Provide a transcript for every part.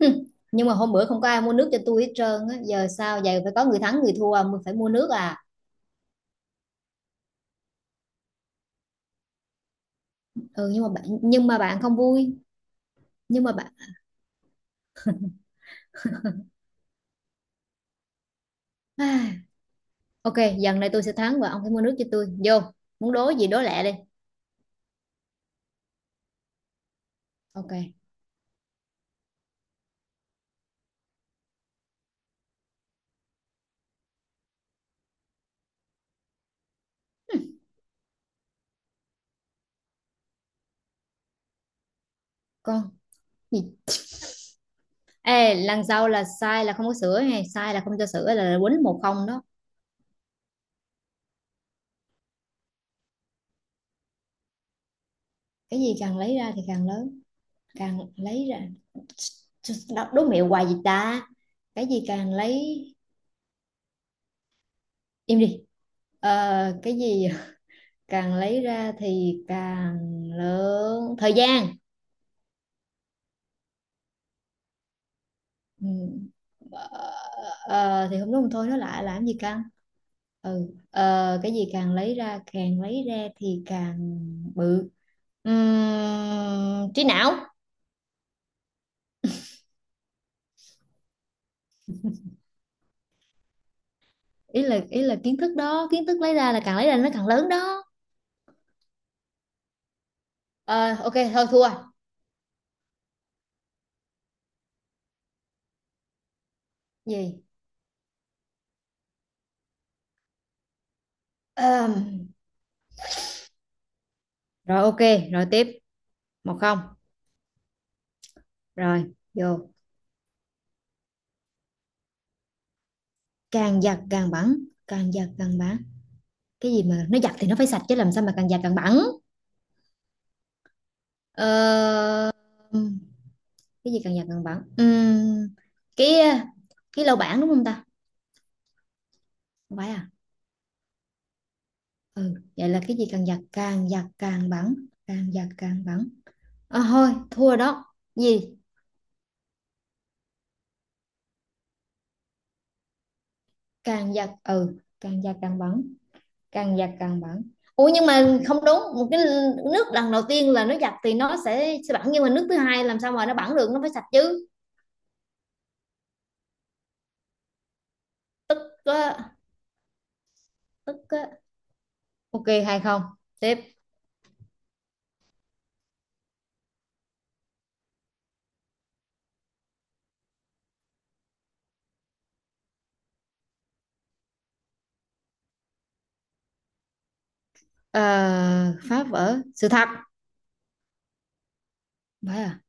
Hừ, nhưng mà hôm bữa không có ai mua nước cho tôi hết trơn á. Giờ sao vậy, phải có người thắng người thua mình phải mua nước à? Ừ, nhưng mà bạn, nhưng mà bạn không vui. Nhưng mà bạn à, ok, dần này tôi sẽ thắng và ông phải mua nước cho tôi vô. Muốn đố gì đố lẹ đi. Ok, con gì? Ê, lần sau là sai là không có sửa, hay sai là không cho sửa, là quýnh một không đó. Cái gì càng lấy ra thì càng lớn? Càng lấy ra. Đó, đố mẹo hoài gì ta. Cái gì càng lấy. Im đi. Ờ, cái gì càng lấy ra thì càng lớn? Thời gian. Ừ. ờ, thì không đúng thôi nó lại làm gì căng. Cái gì càng lấy ra thì càng bự. Trí não. Ý là kiến thức đó, kiến thức lấy ra là càng lấy ra nó càng lớn đó. Ờ, ok thôi thua. Gì? Ờm, Rồi ok. Rồi tiếp. Một không. Rồi vô. Càng giặt càng bắn. Càng giặt càng bắn. Cái gì mà nó giặt thì nó phải sạch chứ làm sao mà càng giặt càng bẩn? Ờ, cái gì càng giặt càng bẩn. Cái cái lau bảng đúng không ta? Không phải à? Ừ, vậy là cái gì càng giặt càng bẩn? Càng giặt càng bẩn. À, thôi thua rồi đó. Gì? Càng giặt ừ càng giặt càng bẩn. Càng giặt càng bẩn. Ủa nhưng mà không đúng một cái, nước lần đầu tiên là nó giặt thì nó sẽ bẩn, nhưng mà nước thứ hai làm sao mà nó bẩn được, nó phải sạch chứ. Có tức á. Ok hay không, tiếp. Ờ, phá vỡ sự thật, vậy à?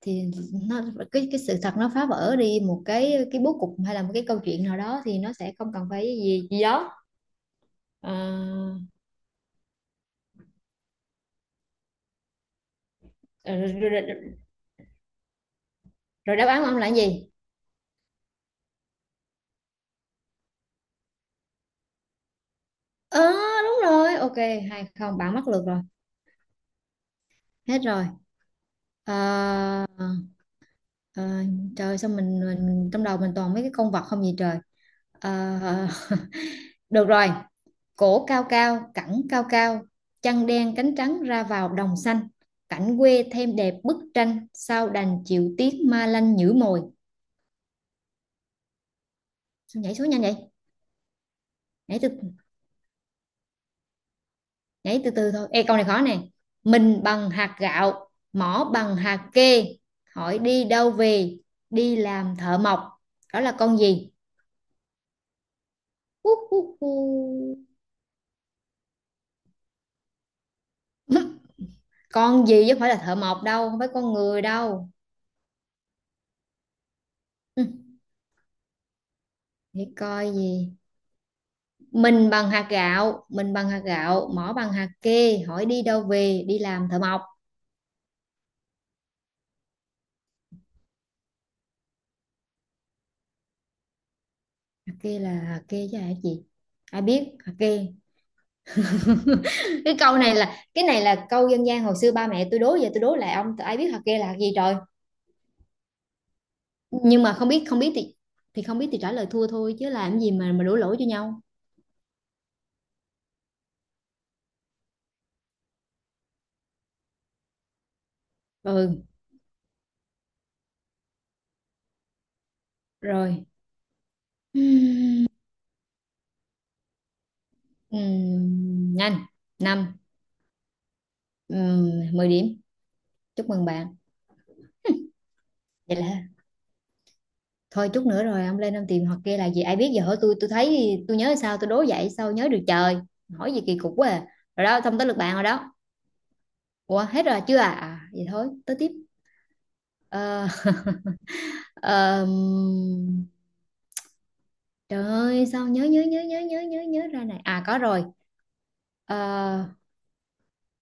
Thì nó, cái sự thật nó phá vỡ đi một cái bố cục hay là một cái câu chuyện nào đó thì nó sẽ không cần phải gì gì đó. Ờ, ờ, rồi, rồi, rồi. Rồi đáp án của ông là cái gì? Ờ, đúng rồi ok, hay không, bạn mắc lượt rồi. Hết rồi. Ờ, ờ, Trời sao mình trong đầu mình toàn mấy cái con vật không gì trời. Ờ, được rồi. Cổ cao cao cẳng cao cao, chân đen cánh trắng ra vào đồng xanh, cảnh quê thêm đẹp bức tranh, sao đành chịu tiếc ma lanh nhử mồi. Sao nhảy số nhanh vậy? Nhảy từ, nhảy từ từ thôi. Ê, câu này khó nè. Mình bằng hạt gạo, mỏ bằng hạt kê, hỏi đi đâu về, đi làm thợ mộc. Đó là con gì? Hú, hú, hú. Con gì chứ không phải là thợ mộc đâu, không phải con người đâu. Ừ, để coi gì? Mình bằng hạt gạo. Mỏ bằng hạt kê, hỏi đi đâu về, đi làm thợ mộc. Hạt kê là hạt kê chứ hả chị? Ai biết hạt kê. Cái câu này là, cái này là câu dân gian hồi xưa ba mẹ tôi đố, giờ tôi đố lại ông, ai biết hạt kê là hạt gì rồi. Nhưng mà không biết, không biết thì không biết thì trả lời thua thôi chứ làm gì mà đổ lỗi cho nhau. Ừ rồi. Nhanh. Năm. 10 điểm, chúc mừng bạn. Vậy là hết. Thôi chút nữa rồi ông lên ông tìm hoặc kia là gì, ai biết, giờ hỏi tôi thấy tôi nhớ sao tôi đố vậy sao nhớ được trời. Hỏi gì kỳ cục quá à. Rồi đó, xong tới lượt bạn rồi đó. Ủa, hết rồi chưa? À, à vậy thôi tới tiếp. Ờ, ờm, trời ơi sao nhớ nhớ nhớ nhớ nhớ nhớ nhớ ra này, à có rồi. Ờ,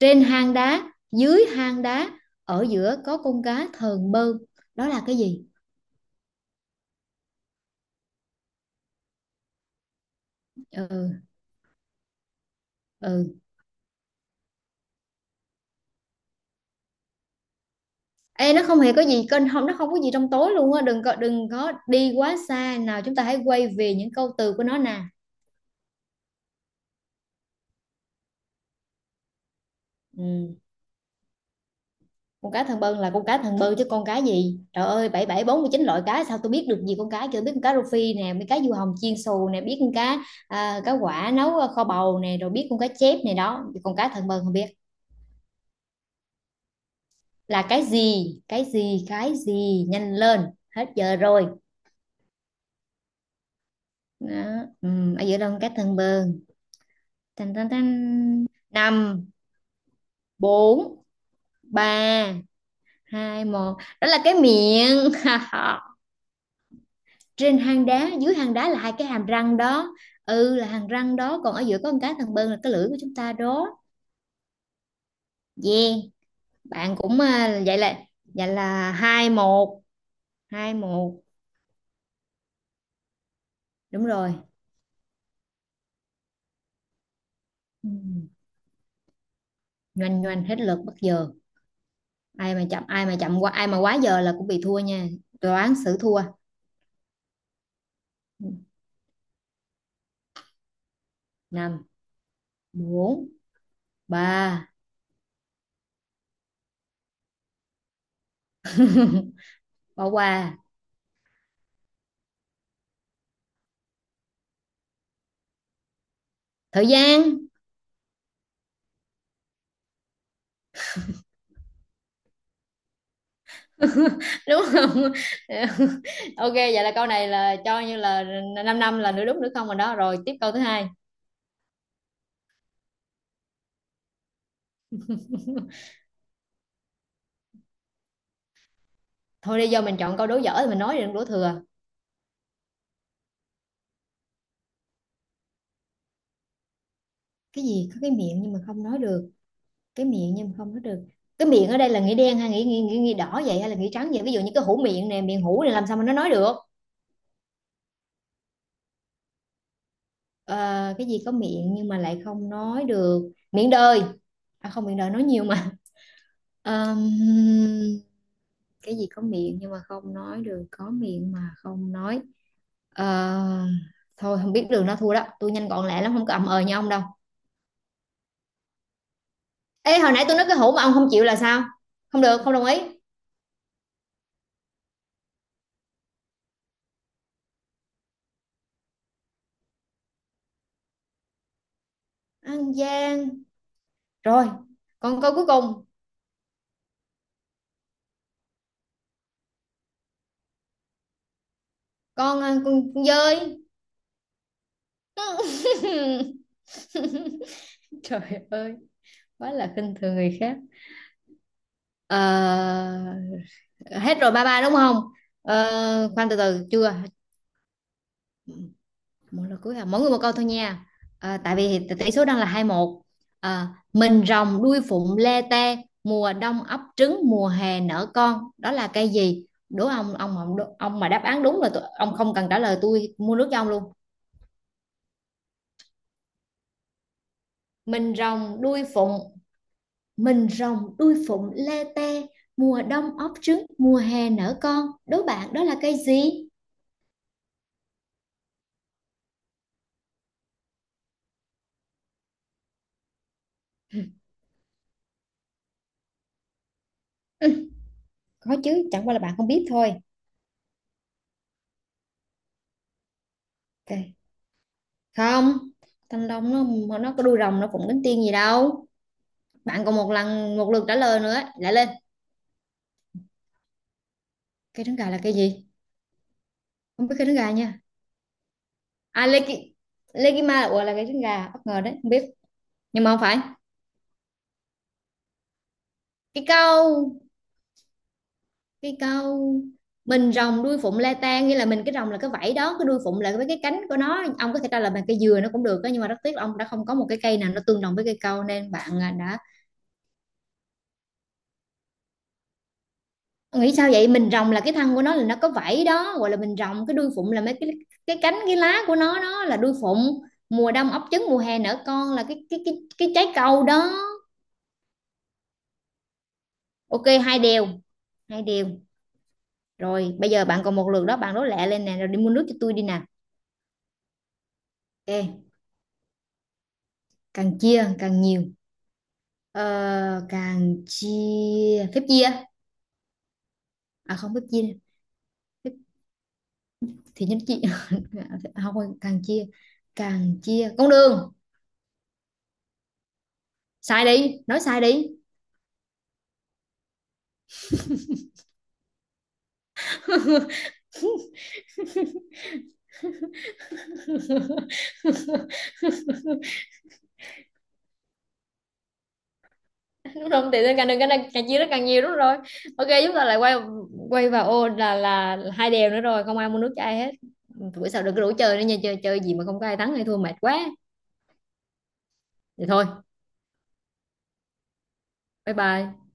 trên hang đá dưới hang đá, ở giữa có con cá thờn bơn, đó là cái gì? Ừ, ừ. Ê, nó không hề có gì kênh, không nó không có gì trong tối luôn á, đừng có, đi quá xa, nào chúng ta hãy quay về những câu từ của nó nè. Ừ. Con cá thần bơn là con cá thần bơn chứ con cá gì, trời ơi, bảy bảy bốn mươi chín loại cá sao tôi biết được gì. Con cá chưa biết, con cá rô phi nè biết, cá du hồng chiên xù nè biết, con cá cá quả nấu kho bầu nè rồi biết, con cá chép này đó, con cá thần bơn không biết. Là cái gì, cái gì, cái gì, nhanh lên, hết giờ rồi đó. Ừ. Ở giữa đâu con cá thần bơn? Tan tan tan. Năm, bốn, ba, hai, một, đó là cái miệng. Trên hang đá dưới hang đá là hai cái hàm răng đó. Ừ, là hàm răng đó, còn ở giữa có một cái thằng bơn là cái lưỡi của chúng ta đó. Yeah. Bạn cũng à, vậy là, vậy là hai một. Hai một. Đúng rồi. Ừ, nhoành nhoành hết lượt bất giờ, ai mà chậm, ai mà chậm qua, ai mà quá giờ là cũng bị thua nha, đoán xử thua. Hmm. Năm, bốn, ba. Bỏ qua. Thời gian. Đúng không? Ok vậy là câu này là cho như là 5 năm năm là nửa đúng nửa không rồi đó, rồi tiếp câu thứ hai. Thôi đi, do mình chọn câu đố dở thì mình nói, đừng đố thừa. Cái gì có cái miệng nhưng mà không nói được? Cái miệng nhưng mà không nói được. Cái miệng ở đây là nghĩa đen hay nghĩa đỏ vậy hay là nghĩa trắng vậy, ví dụ như cái hũ miệng nè, miệng hũ này làm sao mà nó nói được. Ờ, cái gì có miệng nhưng mà lại không nói được? Miệng đời. À không, miệng đời nói nhiều mà. Ờm, cái gì có miệng nhưng mà không nói được, có miệng mà không nói. Ờ, thôi không biết đường đó thua đó, tôi nhanh gọn lẹ lắm không có ậm ờ như ông đâu. Ê hồi nãy tôi nói cái hũ mà ông không chịu là sao? Không được, không đồng ý. An Giang. Rồi con câu cuối cùng. Con con dơi. Trời ơi, quá là khinh thường người khác. Ờ, hết rồi ba ba đúng không? Ờ, khoan từ từ chưa. Một là cuối à? Mỗi người một câu thôi nha. À, tại vì tỷ số đang là 21. À, mình rồng đuôi phụng lê tê, mùa đông ấp trứng, mùa hè nở con. Đó là cây gì? Đố ông mà, ông mà đáp án đúng là tôi, ông không cần trả lời tôi mua nước cho ông luôn. Mình rồng đuôi phụng, mình rồng đuôi phụng lê tê, mùa đông ấp trứng, mùa hè nở con. Đố bạn đó là cây gì? Ừ, có chứ, chẳng qua là bạn không biết thôi. Ok. Không, thanh long nó có đuôi rồng nó phụng cánh tiên gì đâu. Bạn còn một lần, một lượt trả lời nữa, lại lên. Cây trứng gà là cây gì? Không biết cây trứng gà nha. À lê ki là cây trứng gà bất ngờ đấy không biết. Nhưng mà không phải. Cái câu. Cái câu mình rồng đuôi phụng le tan, nghĩa là mình cái rồng là cái vảy đó, cái đuôi phụng là với cái cánh của nó, ông có thể trả lời bằng cây dừa nó cũng được đó, nhưng mà rất tiếc ông đã không có một cái cây nào nó tương đồng với cây câu, nên bạn à, đã nghĩ sao vậy. Mình rồng là cái thân của nó là nó có vảy đó gọi là mình rồng, cái đuôi phụng là mấy cái cánh cái lá của nó đó là đuôi phụng. Mùa đông ấp trứng mùa hè nở con là cái trái câu đó. Ok hai đều. Hai đều. Rồi bây giờ bạn còn một lượt đó, bạn đố lẹ lên nè, rồi đi mua nước cho tôi đi nè. Ok. Càng chia càng nhiều. Ờ, càng chia, phép chia. À không, phép chia, phép thì nhánh chia. Không, càng chia, càng chia con đường. Sai đi, nói sai đi. Đúng không thì nên càng, đừng càng, càng chia nó càng nhiều đúng rồi. Ok chúng ta lại quay, quay vào ô là hai đều nữa rồi, không ai mua nước cho ai hết, bữa sau đừng có rủ chơi nữa nha, chơi chơi gì mà không có ai thắng hay thua mệt quá. Thì thôi. Bye bye.